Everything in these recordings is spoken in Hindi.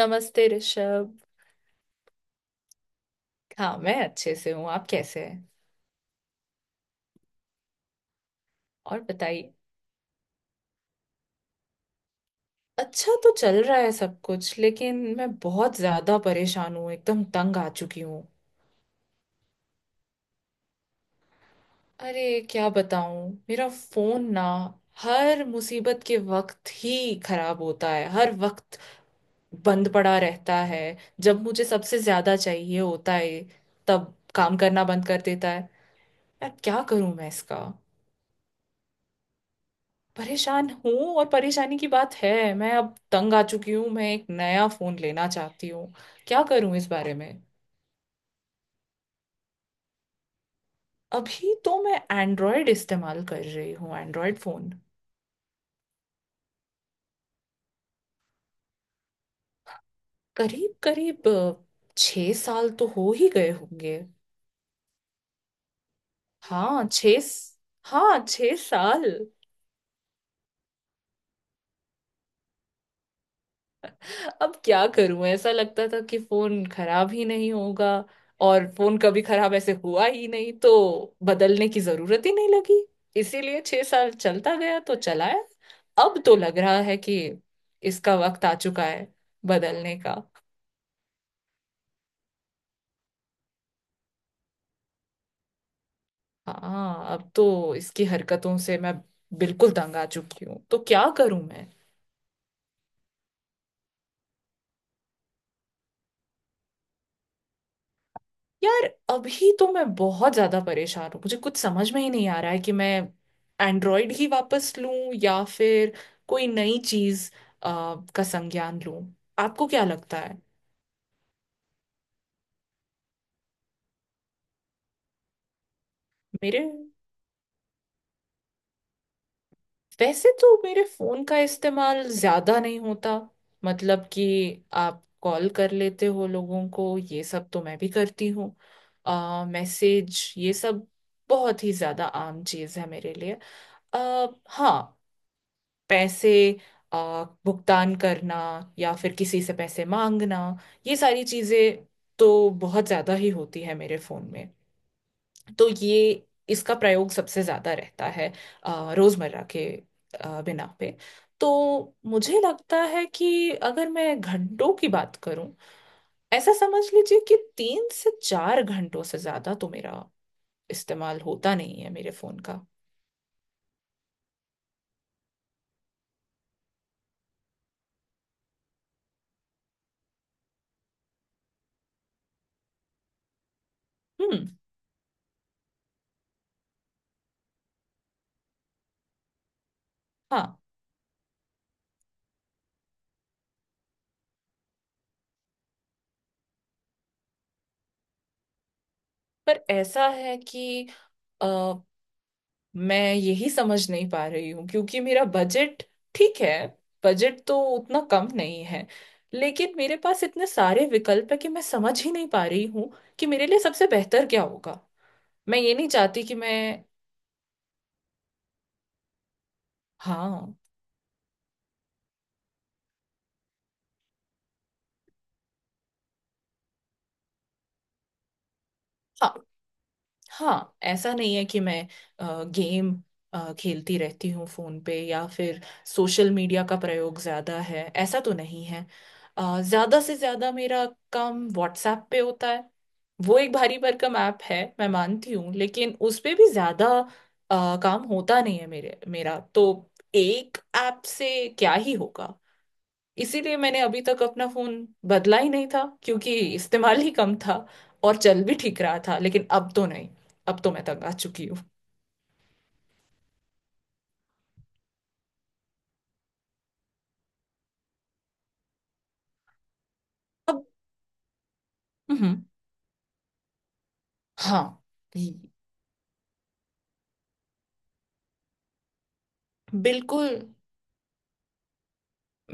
नमस्ते ऋषभ। हाँ मैं अच्छे से हूँ। आप कैसे हैं? और बताइए। अच्छा तो चल रहा है सब कुछ, लेकिन मैं बहुत ज्यादा परेशान हूँ, एकदम तंग आ चुकी हूँ। अरे क्या बताऊँ, मेरा फोन ना हर मुसीबत के वक्त ही खराब होता है। हर वक्त बंद पड़ा रहता है। जब मुझे सबसे ज्यादा चाहिए होता है तब काम करना बंद कर देता है। यार क्या करूँ मैं इसका। परेशान हूँ, और परेशानी की बात है, मैं अब तंग आ चुकी हूँ। मैं एक नया फोन लेना चाहती हूँ। क्या करूँ इस बारे में? अभी तो मैं एंड्रॉयड इस्तेमाल कर रही हूँ, एंड्रॉयड फोन। करीब करीब 6 साल तो हो ही गए होंगे। हाँ हाँ 6 साल। अब क्या करूं, ऐसा लगता था कि फोन खराब ही नहीं होगा। और फोन कभी खराब ऐसे हुआ ही नहीं तो बदलने की जरूरत ही नहीं लगी। इसीलिए 6 साल चलता गया तो चलाया। अब तो लग रहा है कि इसका वक्त आ चुका है बदलने का। हाँ अब तो इसकी हरकतों से मैं बिल्कुल तंग आ चुकी हूँ, तो क्या करूं मैं। यार, अभी तो मैं बहुत ज्यादा परेशान हूँ, मुझे कुछ समझ में ही नहीं आ रहा है कि मैं एंड्रॉयड ही वापस लूं या फिर कोई नई चीज का संज्ञान लूं। आपको क्या लगता है? मेरे वैसे तो मेरे फोन का इस्तेमाल ज्यादा नहीं होता। मतलब कि आप कॉल कर लेते हो लोगों को, ये सब तो मैं भी करती हूँ। मैसेज ये सब बहुत ही ज्यादा आम चीज है मेरे लिए। अ हाँ। पैसे, भुगतान करना या फिर किसी से पैसे मांगना, ये सारी चीजें तो बहुत ज्यादा ही होती है मेरे फोन में। तो ये, इसका प्रयोग सबसे ज्यादा रहता है। रोजमर्रा के बिना पे। तो मुझे लगता है कि अगर मैं घंटों की बात करूं, ऐसा समझ लीजिए कि 3 से 4 घंटों से ज्यादा तो मेरा इस्तेमाल होता नहीं है मेरे फोन का। हम्म। हाँ। पर ऐसा है कि मैं यही समझ नहीं पा रही हूँ क्योंकि मेरा बजट ठीक है, बजट तो उतना कम नहीं है, लेकिन मेरे पास इतने सारे विकल्प है कि मैं समझ ही नहीं पा रही हूँ कि मेरे लिए सबसे बेहतर क्या होगा। मैं ये नहीं चाहती कि मैं। हाँ हाँ, हाँ, ऐसा नहीं है कि मैं गेम खेलती रहती हूँ फोन पे या फिर सोशल मीडिया का प्रयोग ज्यादा है, ऐसा तो नहीं है। ज्यादा से ज्यादा मेरा काम व्हाट्सएप पे होता है। वो एक भारी भरकम ऐप है मैं मानती हूँ, लेकिन उस पे भी ज्यादा काम होता नहीं है मेरे मेरा तो। एक ऐप से क्या ही होगा। इसीलिए मैंने अभी तक अपना फोन बदला ही नहीं था क्योंकि इस्तेमाल ही कम था और चल भी ठीक रहा था, लेकिन अब तो नहीं। अब तो मैं तंग आ चुकी हूँ। अब। हम्म। हाँ। ये- बिल्कुल,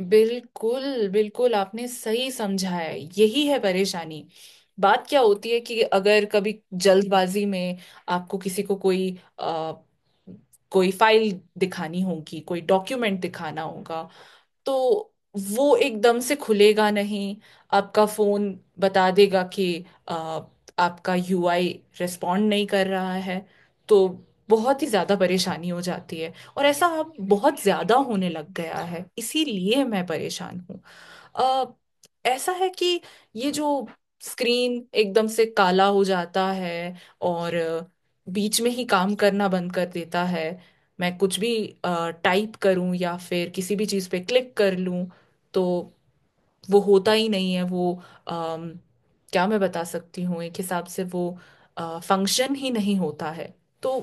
बिल्कुल बिल्कुल आपने सही समझा है, यही है परेशानी। बात क्या होती है कि अगर कभी जल्दबाजी में आपको किसी को कोई अ, कोई फाइल दिखानी होगी, कोई डॉक्यूमेंट दिखाना होगा, तो वो एकदम से खुलेगा नहीं। आपका फोन बता देगा कि आ, आपका यूआई रिस्पॉन्ड नहीं कर रहा है। तो बहुत ही ज्यादा परेशानी हो जाती है। और ऐसा अब बहुत ज्यादा होने लग गया है इसीलिए मैं परेशान हूँ। अ, ऐसा है कि ये जो स्क्रीन एकदम से काला हो जाता है और बीच में ही काम करना बंद कर देता है। मैं कुछ भी टाइप करूं या फिर किसी भी चीज़ पे क्लिक कर लूं तो वो होता ही नहीं है। वो अम, क्या मैं बता सकती हूँ, एक हिसाब से वो फंक्शन ही नहीं होता है। तो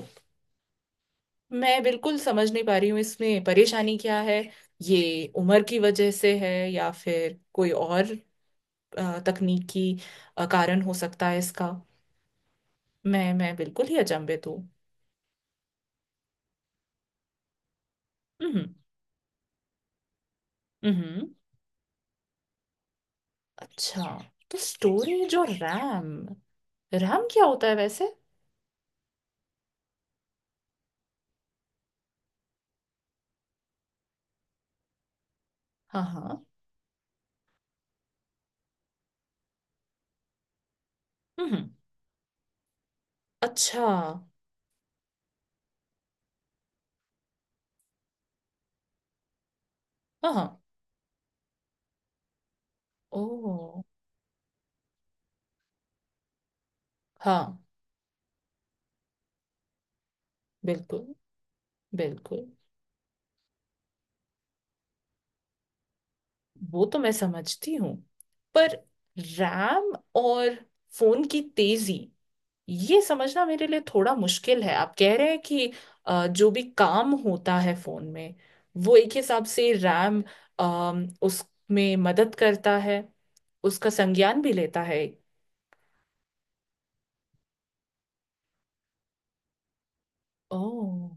मैं बिल्कुल समझ नहीं पा रही हूँ इसमें परेशानी क्या है। ये उम्र की वजह से है या फिर कोई और तकनीकी कारण हो सकता है इसका। मैं बिल्कुल ही अचंभित हूँ। हम्म। अच्छा, तो स्टोरेज और रैम। रैम क्या होता है वैसे? हाँ हाँ। हम्म। अच्छा हाँ। हाँ। ओ। हाँ, बिल्कुल बिल्कुल। वो तो मैं समझती हूँ। पर रैम और फोन की तेजी, ये समझना मेरे लिए थोड़ा मुश्किल है। आप कह रहे हैं कि जो भी काम होता है फोन में वो एक हिसाब से रैम, उसमें मदद करता है, उसका संज्ञान भी लेता है। ओह।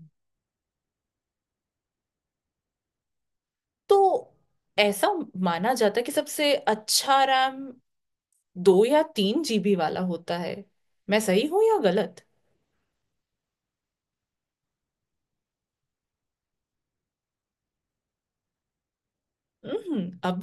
तो ऐसा माना जाता है कि सबसे अच्छा रैम 2 या 3 GB वाला होता है। मैं सही हूँ या गलत? हम्म। अब,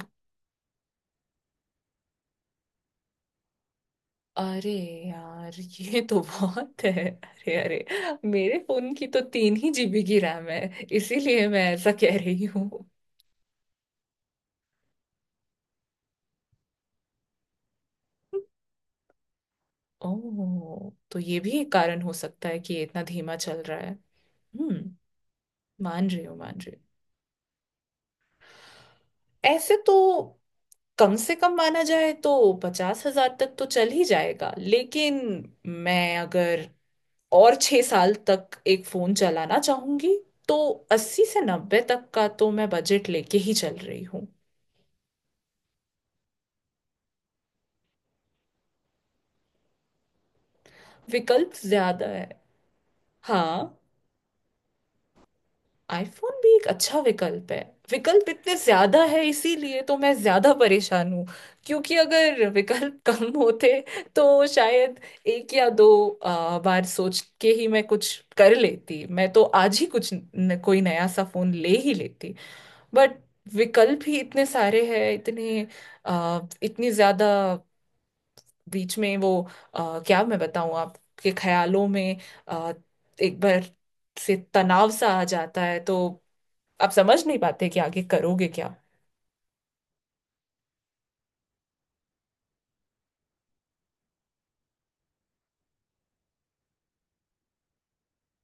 अरे यार ये तो बहुत है, अरे अरे, मेरे फोन की तो 3 ही GB की रैम है इसीलिए मैं ऐसा कह रही हूँ। ओह, तो ये भी एक कारण हो सकता है कि ये इतना धीमा चल रहा है। हम्म। मान रही हूँ, मान रही हूँ। ऐसे तो कम से कम माना जाए तो 50,000 तक तो चल ही जाएगा, लेकिन मैं अगर और 6 साल तक एक फोन चलाना चाहूंगी तो 80 से 90 तक का तो मैं बजट लेके ही चल रही हूँ। विकल्प ज्यादा है। हाँ। आईफोन भी एक अच्छा विकल्प है। विकल्प इतने ज्यादा है इसीलिए तो मैं ज्यादा परेशान हूँ। क्योंकि अगर विकल्प कम होते तो शायद एक या दो बार सोच के ही मैं कुछ कर लेती, मैं तो आज ही कुछ न, कोई नया सा फोन ले ही लेती। बट विकल्प ही इतने सारे हैं, इतने इतनी ज्यादा बीच में वो क्या मैं बताऊँ, आपके ख्यालों में आ, एक बार से तनाव सा आ जाता है, तो आप समझ नहीं पाते कि आगे करोगे क्या।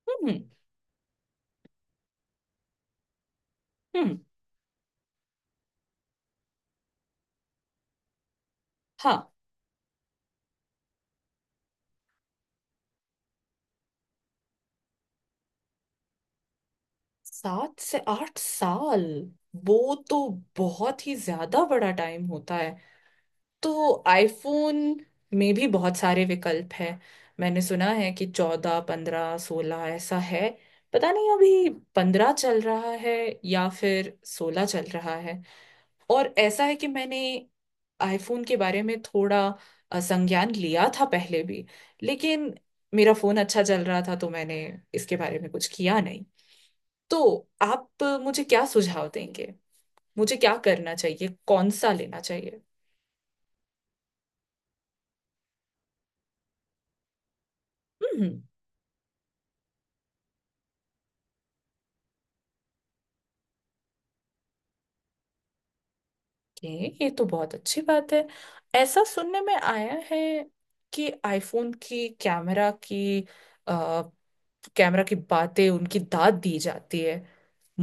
हम्म हम्म। हाँ। 7 से 8 साल, वो तो बहुत ही ज्यादा बड़ा टाइम होता है। तो आईफोन में भी बहुत सारे विकल्प हैं। मैंने सुना है कि 14 15 16 ऐसा है। पता नहीं अभी 15 चल रहा है या फिर 16 चल रहा है। और ऐसा है कि मैंने आईफोन के बारे में थोड़ा संज्ञान लिया था पहले भी, लेकिन मेरा फोन अच्छा चल रहा था तो मैंने इसके बारे में कुछ किया नहीं। तो आप मुझे क्या सुझाव देंगे? मुझे क्या करना चाहिए, कौन सा लेना चाहिए? हम्म। ये तो बहुत अच्छी बात है। ऐसा सुनने में आया है कि आईफोन की कैमरा की कैमरा की बातें उनकी दाद दी जाती है।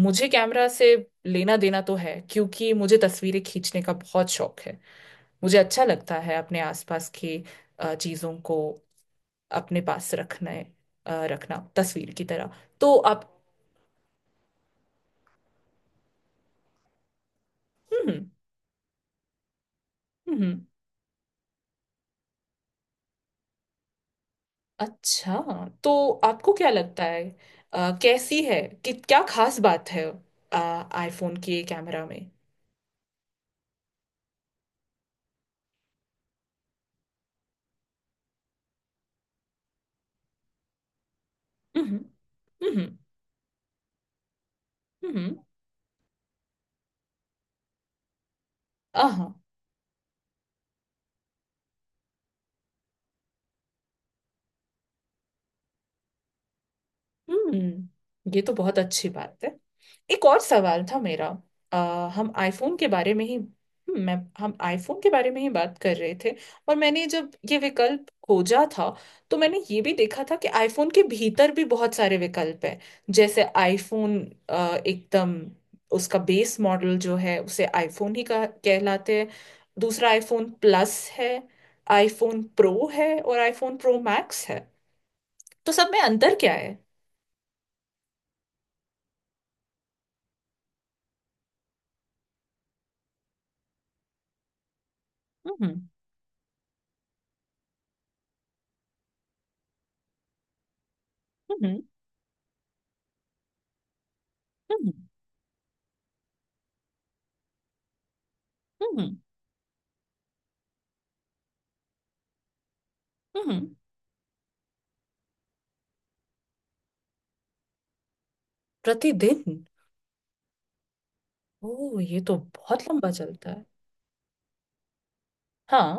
मुझे कैमरा से लेना देना तो है, क्योंकि मुझे तस्वीरें खींचने का बहुत शौक है। मुझे अच्छा लगता है अपने आसपास की चीजों को अपने पास रखना, रखना तस्वीर की तरह। तो आप। हम्म हम्म। अच्छा, तो आपको क्या लगता है, कैसी है कि क्या खास बात है आईफोन के कैमरा में? हम्म। हम्म। हम्म। हम्म। ये तो बहुत अच्छी बात है। एक और सवाल था मेरा। हम आईफोन के बारे में ही, मैं हम आईफोन के बारे में ही बात कर रहे थे। और मैंने जब ये विकल्प खोजा था तो मैंने ये भी देखा था कि आईफोन के भीतर भी बहुत सारे विकल्प हैं। जैसे आईफोन एकदम, उसका बेस मॉडल जो है उसे आईफोन ही कहलाते हैं। दूसरा आईफोन प्लस है, आईफोन प्रो है और आईफोन प्रो मैक्स है। तो सब में अंतर क्या है? हम्म। हम्म। हम्म। हम्म। हम्म। प्रतिदिन? ओ, ये तो बहुत लंबा चलता है। हाँ।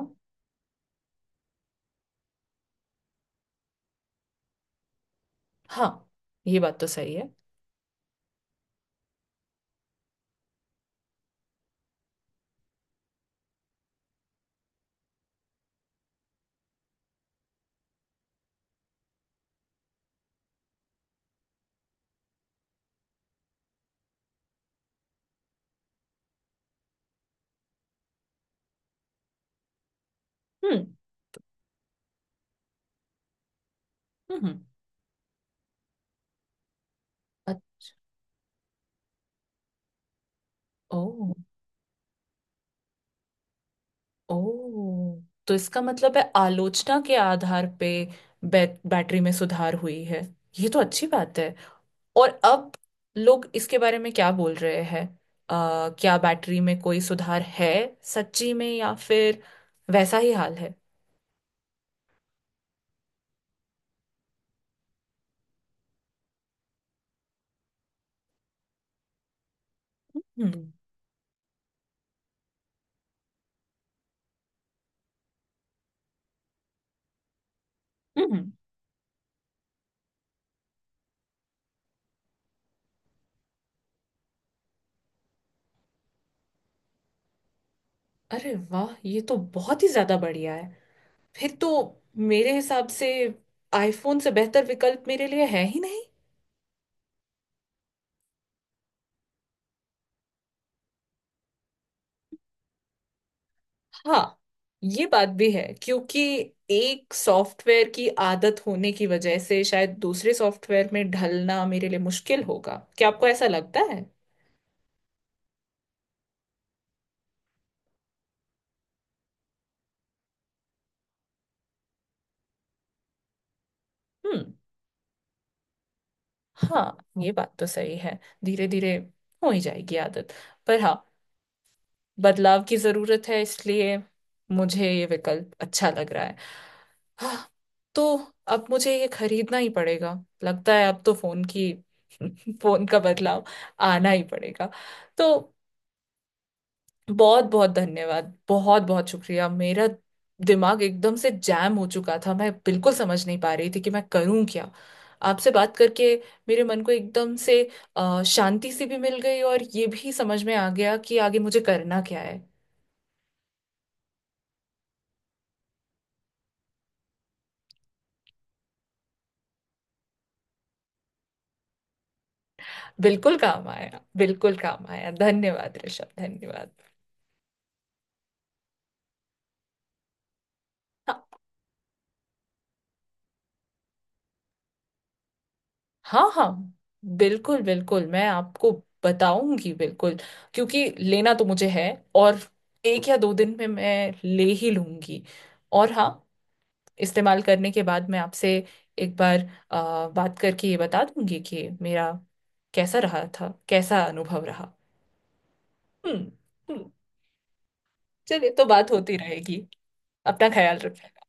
हाँ ये बात तो सही है। हम्म। हम्म। अत- ओ। ओ, तो इसका मतलब है आलोचना के आधार पे बैटरी में सुधार हुई है। ये तो अच्छी बात है। और अब लोग इसके बारे में क्या बोल रहे हैं? क्या बैटरी में कोई सुधार है सच्ची में, या फिर वैसा ही हाल है? हम्म। हम्म। अरे वाह ये तो बहुत ही ज्यादा बढ़िया है। फिर तो मेरे हिसाब से आईफोन से बेहतर विकल्प मेरे लिए है ही नहीं। हाँ ये बात भी है, क्योंकि एक सॉफ्टवेयर की आदत होने की वजह से शायद दूसरे सॉफ्टवेयर में ढलना मेरे लिए मुश्किल होगा। क्या आपको ऐसा लगता है? हम्म। हाँ ये बात तो सही है। धीरे धीरे हो ही जाएगी आदत। पर हाँ, बदलाव की जरूरत है, इसलिए मुझे ये विकल्प अच्छा लग रहा है। हाँ, तो अब मुझे ये खरीदना ही पड़ेगा। लगता है अब तो फोन की फोन का बदलाव आना ही पड़ेगा। तो बहुत बहुत धन्यवाद, बहुत बहुत शुक्रिया। मेरा दिमाग एकदम से जैम हो चुका था, मैं बिल्कुल समझ नहीं पा रही थी कि मैं करूं क्या। आपसे बात करके मेरे मन को एकदम से शांति सी भी मिल गई, और ये भी समझ में आ गया कि आगे मुझे करना क्या है। बिल्कुल काम आया, बिल्कुल काम आया, धन्यवाद ऋषभ, धन्यवाद। हाँ हाँ बिल्कुल बिल्कुल, मैं आपको बताऊंगी बिल्कुल। क्योंकि लेना तो मुझे है, और 1 या 2 दिन में मैं ले ही लूंगी। और हाँ, इस्तेमाल करने के बाद मैं आपसे एक बार बात करके ये बता दूंगी कि मेरा कैसा रहा था, कैसा अनुभव रहा। हम्म। हम्म, चलिए तो बात होती रहेगी। अपना ख्याल रखिए।